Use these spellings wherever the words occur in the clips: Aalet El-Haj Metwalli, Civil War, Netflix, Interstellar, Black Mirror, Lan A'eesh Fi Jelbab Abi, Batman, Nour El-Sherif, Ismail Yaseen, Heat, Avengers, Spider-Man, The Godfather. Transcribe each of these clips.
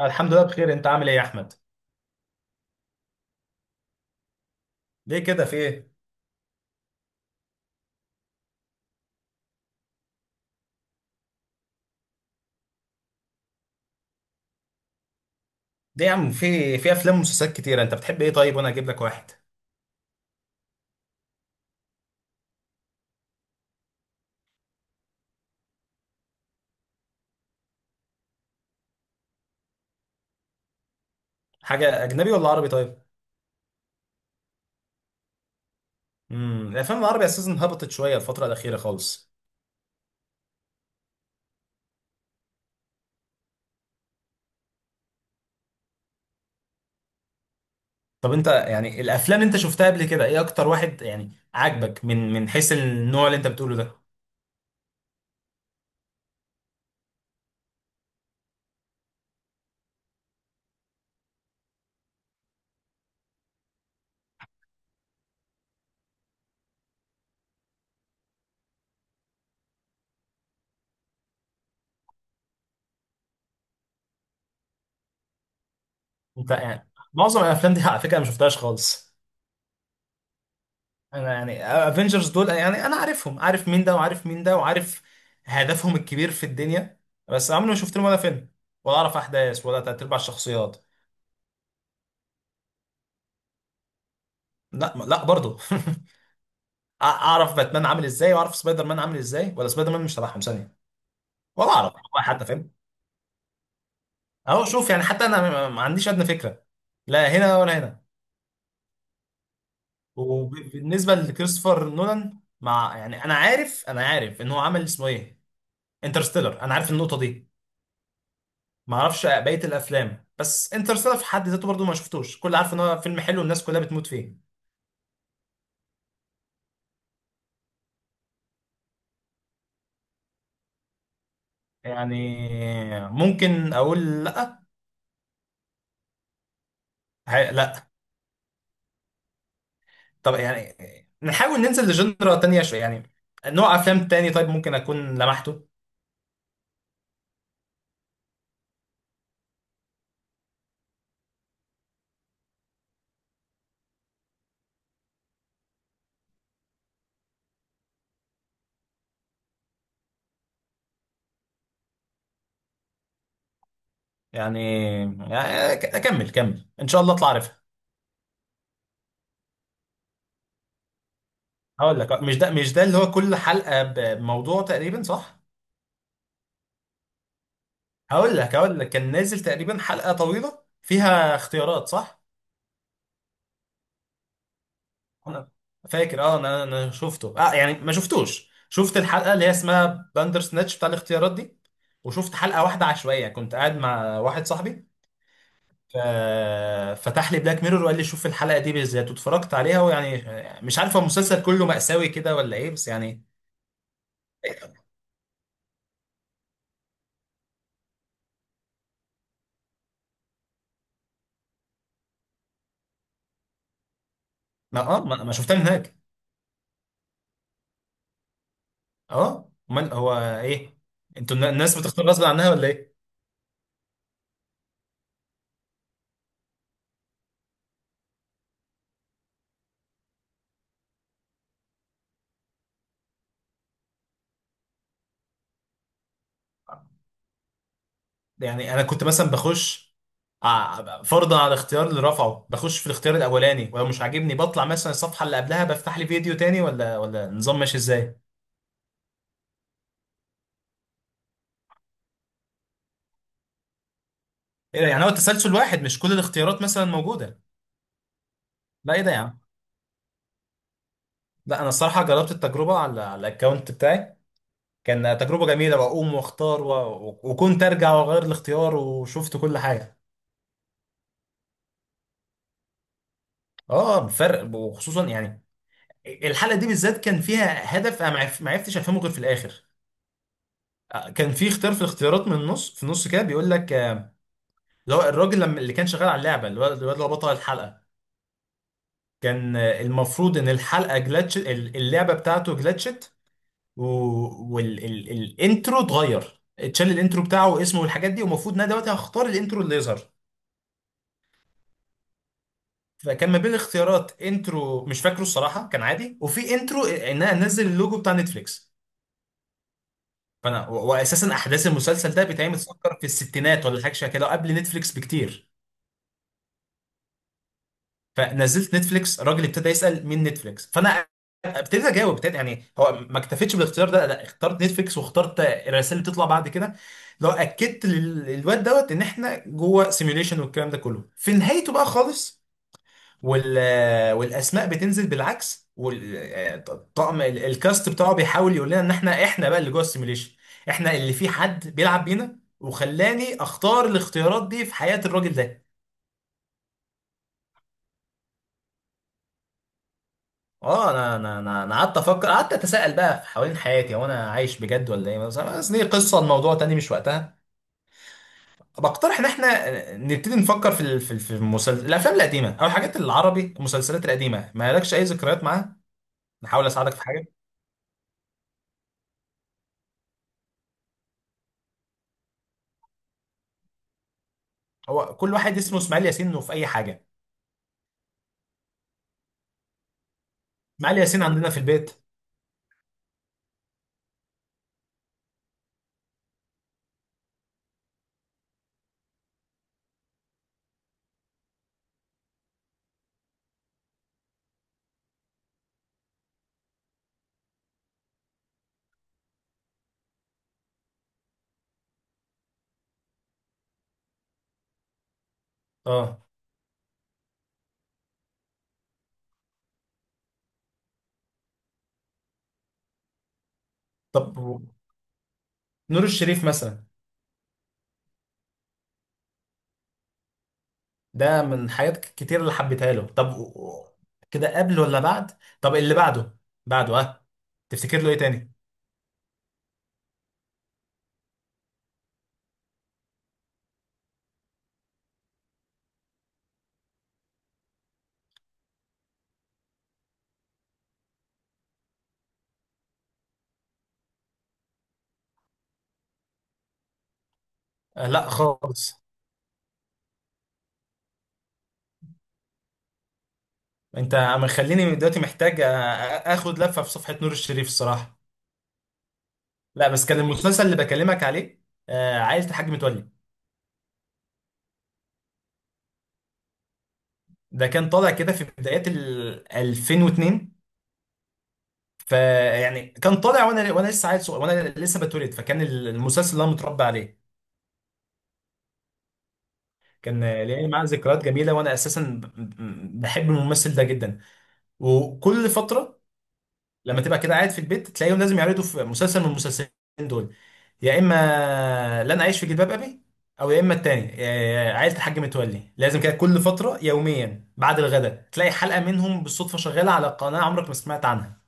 الحمد لله بخير. انت عامل ايه يا احمد؟ ليه كده، في ايه؟ ليه يا عم، في افلام ومسلسلات كتيره. انت بتحب ايه طيب وانا اجيب لك واحد؟ حاجه اجنبي ولا عربي؟ طيب. الافلام العربي اساسا هبطت شويه الفتره الاخيره خالص. طب انت يعني الافلام اللي انت شفتها قبل كده ايه اكتر واحد يعني عاجبك من حيث النوع اللي انت بتقوله ده؟ انت يعني معظم الافلام دي على فكره انا ما شفتهاش خالص. انا يعني افنجرز دول، يعني انا عارفهم، عارف مين ده وعارف مين ده وعارف هدفهم الكبير في الدنيا، بس عمري ما شفت لهم ولا فيلم، ولا اعرف احداث ولا تلات ارباع الشخصيات. لا لا برضه اعرف باتمان عامل ازاي واعرف سبايدر مان عامل ازاي، ولا سبايدر مان مش تبعهم ثانيه؟ ولا اعرف والله، حتى فاهم. اهو شوف يعني، حتى انا ما عنديش ادنى فكره، لا هنا ولا هنا. وبالنسبه لكريستوفر نولان، مع يعني انا عارف، ان هو عمل اسمه ايه، انترستيلر، انا عارف النقطه دي. ما اعرفش بقيه الافلام، بس انترستيلر في حد ذاته برضو ما شفتوش، كل عارف ان هو فيلم حلو والناس كلها بتموت فيه. يعني ممكن اقول لا. لا. طب يعني نحاول ننزل لجنرا تانية شويه، يعني نوع افلام تاني طيب ممكن اكون لمحته. يعني اكمل، كمل ان شاء الله اطلع عارفها. هقول لك، مش ده اللي هو كل حلقه بموضوع تقريبا، صح؟ هقول لك كان نازل تقريبا حلقه طويله فيها اختيارات، صح؟ انا فاكر، اه انا شفته، اه يعني ما شفتوش، شفت الحلقه اللي هي اسمها باندر سناتش بتاع الاختيارات دي. وشفت حلقه واحده عشوائيه كنت قاعد مع واحد صاحبي. ف- فتح لي بلاك ميرور وقال لي شوف الحلقه دي بالذات، واتفرجت عليها ويعني مش عارف هو المسلسل كله مأساوي كده ولا ايه، بس يعني ما شفتها من هناك. اه امال هو ايه، انتوا الناس بتختار غصب عنها ولا ايه؟ يعني انا كنت مثلا بخش فرضا على الاختيار اللي رفعه، بخش في الاختيار الاولاني ولو مش عاجبني بطلع مثلا الصفحه اللي قبلها بفتح لي فيديو تاني، ولا النظام ماشي ازاي؟ ايه ده، يعني هو تسلسل واحد مش كل الاختيارات مثلا موجوده؟ لا ايه ده يا عم. لا انا الصراحه جربت التجربه على الاكونت بتاعي، كان تجربه جميله، واقوم واختار وكنت ارجع واغير الاختيار وشفت كل حاجه. اه بفرق، وخصوصا يعني الحلقه دي بالذات كان فيها هدف انا ما عرفتش افهمه غير في الاخر. كان في اختيار في الاختيارات من النص في النص كده بيقول لك، اللي هو الراجل لما اللي كان شغال على اللعبه، الواد اللي هو بطل الحلقه، كان المفروض ان اللعبه بتاعته جلتشت والانترو اتغير، اتشال الانترو بتاعه واسمه والحاجات دي، ومفروض ان انا دلوقتي هختار الانترو اللي يظهر. فكان ما بين الاختيارات انترو مش فاكره الصراحه كان عادي، وفي انترو ان انا انزل اللوجو بتاع نتفليكس. فانا واساسا احداث المسلسل ده بتعمل تفكر في الستينات ولا حاجه شبه كده، قبل نتفليكس بكتير. فنزلت نتفليكس، الراجل ابتدى يسال مين نتفليكس، فانا ابتديت اجاوب، ابتديت يعني، هو ما اكتفيتش بالاختيار ده، لا اخترت نتفليكس واخترت الرسائل اللي بتطلع بعد كده، لو اكدت للواد دوت ان احنا جوه سيميوليشن، والكلام ده كله في نهايته بقى خالص. وال والاسماء بتنزل بالعكس، والطقم الكاست بتاعه بيحاول يقول لنا ان احنا بقى اللي جوه السيميوليشن، احنا اللي في حد بيلعب بينا، وخلاني اختار الاختيارات دي في حياة الراجل ده. اه انا قعدت افكر، قعدت اتساءل بقى في حوالين حياتي، هو انا عايش بجد ولا ايه، بس دي قصه الموضوع تاني مش وقتها. بقترح ان احنا نبتدي نفكر في المسلسل، الافلام القديمه او الحاجات العربي، المسلسلات القديمه ما لكش اي ذكريات معاها؟ نحاول اساعدك في حاجه. هو كل واحد اسمه اسماعيل ياسين وفي اي حاجه؟ اسماعيل ياسين عندنا في البيت. اه طب نور الشريف مثلا، ده من حاجات كتير اللي حبيتها له. طب كده قبل ولا بعد؟ طب اللي بعده، اه تفتكر له ايه تاني؟ لا خالص. انت مخليني دلوقتي محتاج، اخد لفه في صفحه نور الشريف الصراحه. لا بس كان المسلسل اللي بكلمك عليه عائله الحاج متولي. ده كان طالع كده في بدايات ال 2002، فيعني كان طالع وانا لسه عيل صغير، وانا لسه بتولد، فكان المسلسل اللي انا متربى عليه. كان ليه معاه ذكريات جميله، وانا اساسا بحب الممثل ده جدا. وكل فتره لما تبقى كده قاعد في البيت تلاقيهم لازم يعرضوا في مسلسل من المسلسلين دول، يا اما لن اعيش في جلباب ابي، او يا اما التاني عائله الحاج متولي. لازم كده كل فتره يوميا بعد الغداء تلاقي حلقه منهم بالصدفه شغاله على قناه عمرك ما سمعت عنها.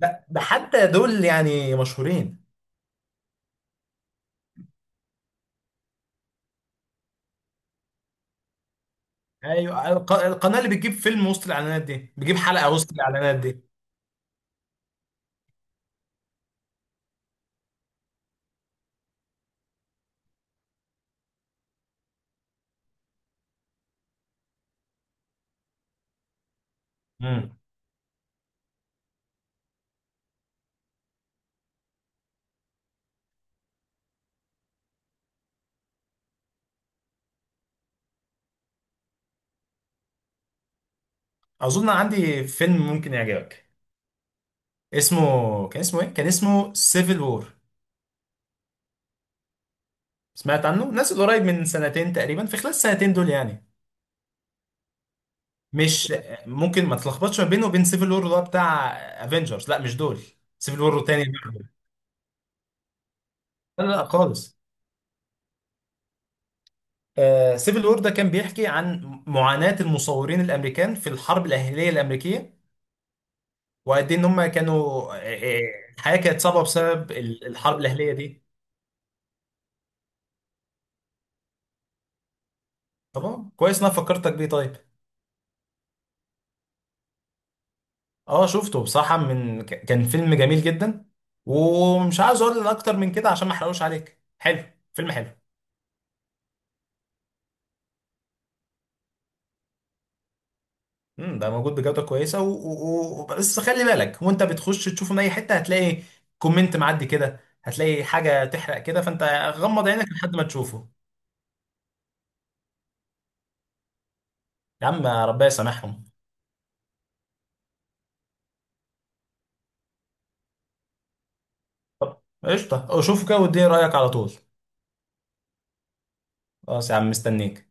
لا ده حتى دول يعني مشهورين. ايوه القناه اللي بتجيب فيلم وسط الاعلانات دي بتجيب حلقه وسط الاعلانات دي. امم اظن عندي فيلم ممكن يعجبك. اسمه، كان اسمه ايه، كان اسمه سيفل وور. سمعت عنه؟ نازل قريب من سنتين تقريبا، في خلال السنتين دول يعني. مش ممكن ما تلخبطش ما بينه وبين سيفل وور اللي هو بتاع افنجرز، لا مش دول، سيفل وور تاني. لا لا لا خالص. آه سيفل وور ده كان بيحكي عن معاناة المصورين الامريكان في الحرب الاهلية الامريكية، وقد ايه ان هم كانوا، آه، الحياة كانت صعبة بسبب الحرب الاهلية دي. طبعا كويس إن انا فكرتك بيه. طيب اه شفته بصراحة، كان فيلم جميل جدا، ومش عاوز اقول اكتر من كده عشان ما احرقوش عليك. حلو، فيلم حلو. ده موجود بجودة كويسة، بس خلي بالك وانت بتخش تشوفه من اي حتة هتلاقي كومنت معدي كده، هتلاقي حاجة تحرق كده، فانت غمض عينك لحد ما تشوفه. يا عم ربنا يسامحهم. طب قشطة، شوفه كده واديني رأيك على طول. خلاص يا عم مستنيك.